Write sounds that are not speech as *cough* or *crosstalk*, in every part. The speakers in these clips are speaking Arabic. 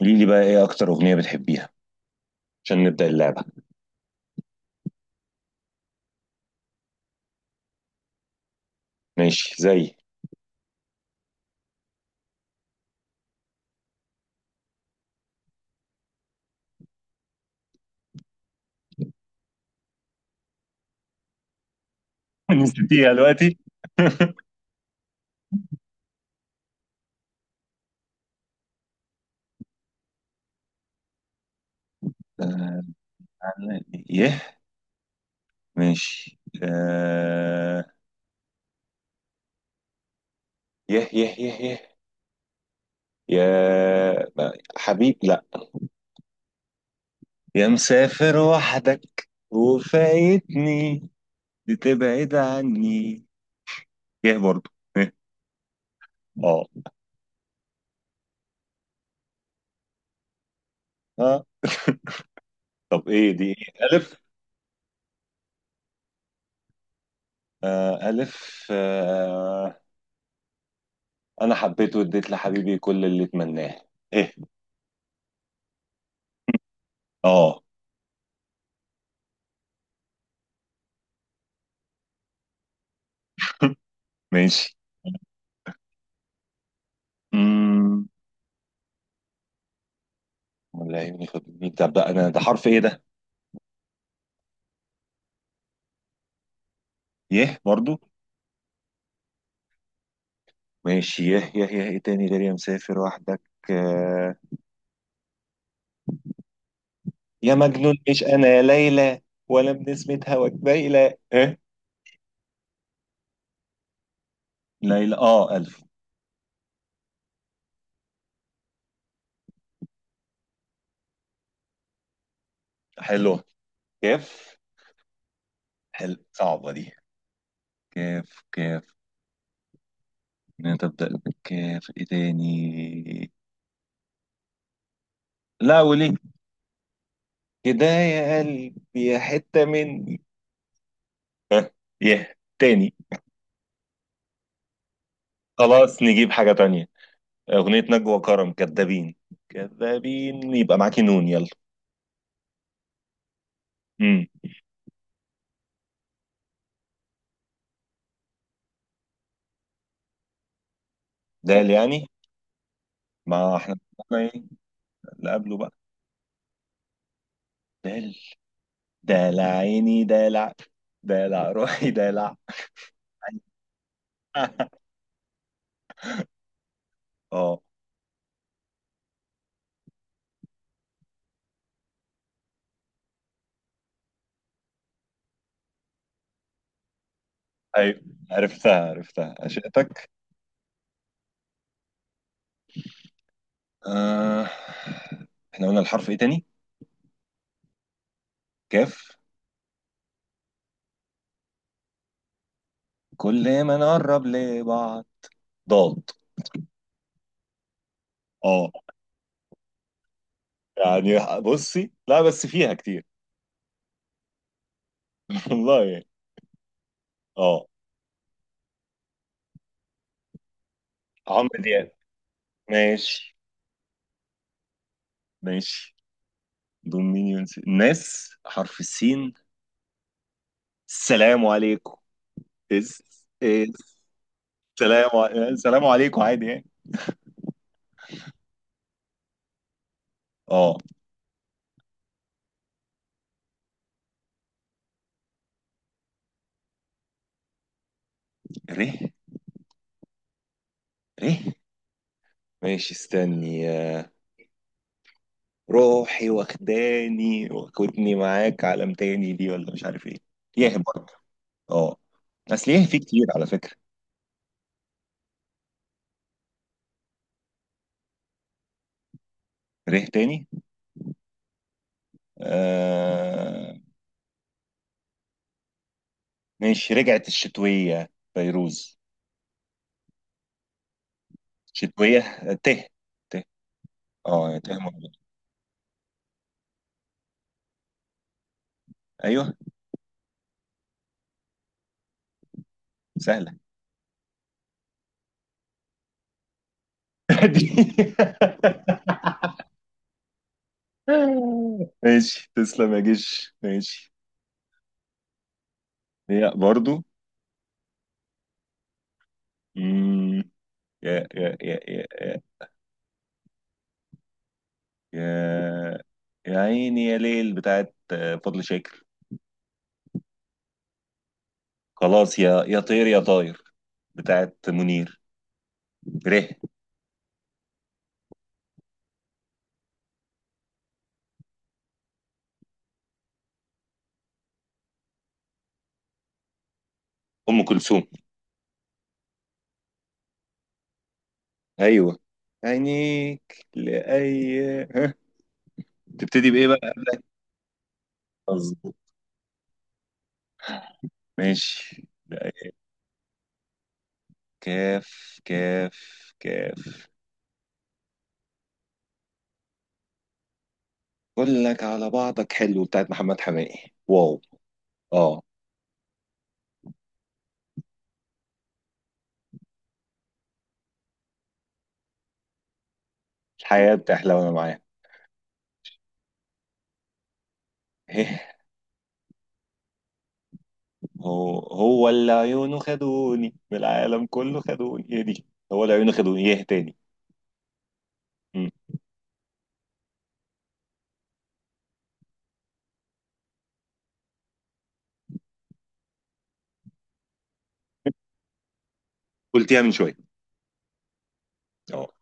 قولي لي بقى ايه اكتر اغنية بتحبيها عشان نبدأ اللعبة. ماشي. زي يا دلوقتي؟ آه، يه. ماشي آه، يه يه يه يه، يا حبيب لا، يا مسافر وحدك وفايتني بتبعد عني. يه برضو. يه. اه اه. *laughs* طب ايه دي؟ ايه الف؟ آه الف آه، انا حبيت واديت لحبيبي كل اللي اتمناه. ايه؟ اه. *laughs* ماشي. امم ولا يهمني خدمني ده بقى، انا ده حرف ايه ده؟ يه برضو. ماشي يه يه يه. ايه تاني غير يا مسافر وحدك؟ آه، يا مجنون مش انا ليلى، ولا بنسمة هواك بايلة ايه. ليلى اه الف. حلوه. كيف؟ حلو، صعبه دي. كيف كيف. نبدأ بالكاف. ايه تاني؟ لا وليه؟ كده يا قلبي يا حتة مني. ها، يه تاني؟ خلاص نجيب حاجة تانية. أغنية نجوى كرم كدابين. كدابين يبقى معاكي نون. يلا. امم. دال يعني؟ ما احنا ايه؟ اللي قبله بقى. دال. دلع عيني دلع، دلع روحي دلع. *laughs* اه. ايوه عرفتها عرفتها عشقتك. آه. احنا قلنا الحرف ايه تاني؟ كاف. كل ما نقرب لبعض. ضاد. اه يعني بصي، لا بس فيها كتير. *laughs* والله يعني. اه. عمرو دياب. ماشي ماشي. دول مين ينسي ناس؟ حرف السين، السلام عليكم. اس اس. سلام سلام عليكم، عادي يعني. اه. ره ره. ماشي استني آه، روحي واخداني وكنتني معاك عالم تاني، دي ولا مش عارف ايه. ياه برضه. اه، اصل ياه في كتير على فكرة. ره تاني. آه. ماشي رجعت الشتوية فيروز، شتوية ته. ته اه. ته موجود. ايوه سهلة. *laughs* ماشي تسلم يا جيش ماشي. هي برضو. مم، يا يا يا يا يا، يا يا عيني يا ليل بتاعت آه، فضل شاكر. خلاص يا يا طير يا طاير بتاعت منير. ره. ام كلثوم. ايوه عينيك لاي. ها، تبتدي بايه بقى قبلك؟ مظبوط. ماشي لأي. كاف كاف كاف. اقول لك على بعضك حلو بتاعت محمد حماقي. واو. اه. الحياة بتحلى وانا معاه. *laughs* هو هو اللي عيونه خدوني من العالم كله خدوني، هي دي. هو اللي عيونه خدوني. ايه تاني؟ مم. قلتيها من شوية. اه،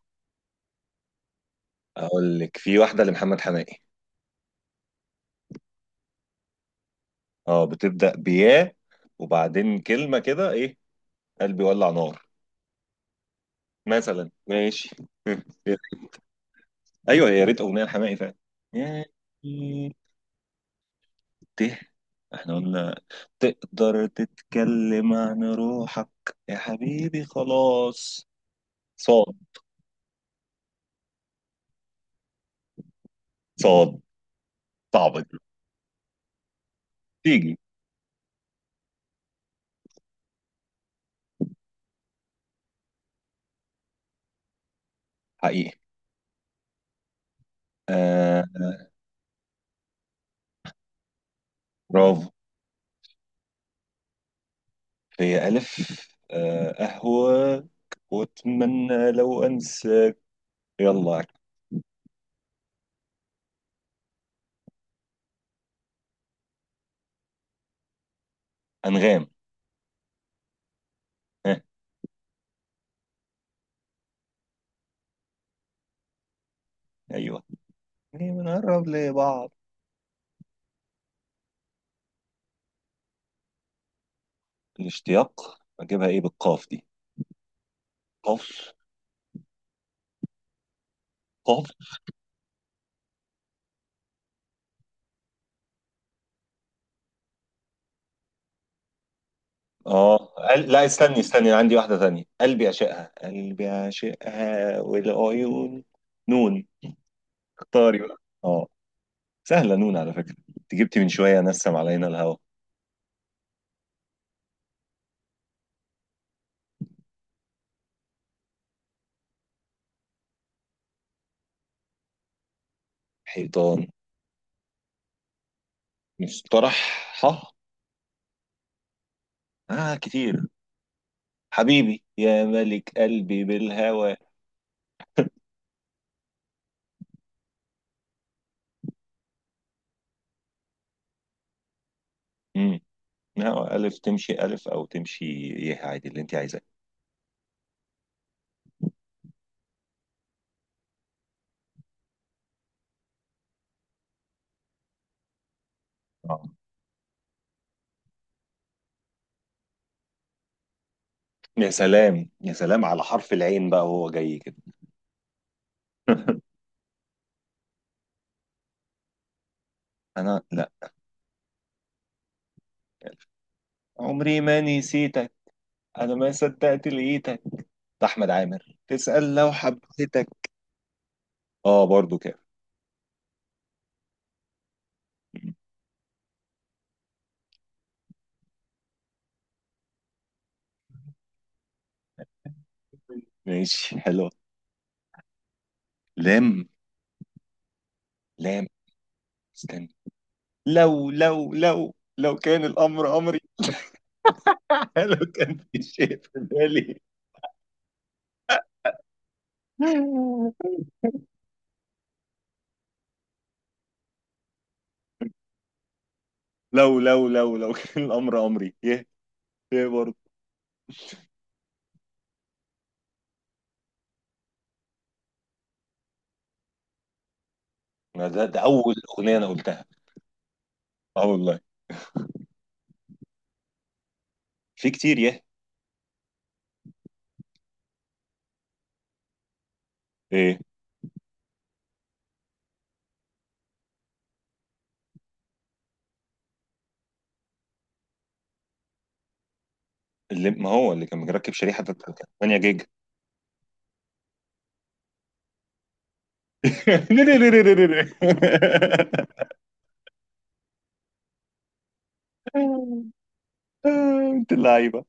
اقول لك في واحدة لمحمد حماقي. اه، بتبدأ بياه، وبعدين كلمة كده ايه، قلبي ولع نار مثلا. ماشي. *laughs* ايوه يا ريت اغنية لحماقي فعلا. ت. احنا قلنا تقدر تتكلم عن روحك يا حبيبي خلاص. صاد صاد. صعبة دي. تيجي. حقيقي آه. برافو. في ألف. آه أهواك، وأتمنى لو أنسى. يلا. أنغام. ها. أيوه. ليه بنقرب لبعض؟ الاشتياق، أجيبها إيه بالقاف دي؟ قاف قاف. اه لا استني أنا عندي واحدة تانية، قلبي عشقها، قلبي عشقها والعيون. نون. اختاري بقى. اه، سهلة نون. على فكرة انت جبتي من شوية نسم علينا الهوى. حيطان. مصطلح. ها، اه كتير. حبيبي يا ملك قلبي بالهوى. امم. هوا ألف، تمشي ألف أو تمشي، إيه عادي اللي أنت عايزاه. اه. يا سلام يا سلام على حرف العين بقى وهو جاي كده. *laughs* أنا لا، عمري ما نسيت، انا ما صدقت لقيتك، ده احمد عامر تسأل لو حبيتك. اه برضو كده. ماشي حلو. لام لام. استنى، لو لو لو كان الامر امري. *laughs* لو كان في شيء في بالي، لو كان الامر امري. يه، يه برضو. ما ده, ده اول اغنيه انا قلتها. اه والله، في كتير يه. ايه اللي ما هو اللي كان مركب شريحه في 8 جيجا. *laughs* آه، انت اللعيبه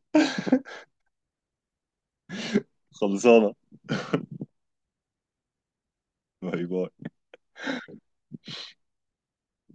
خلصانه. باي باي.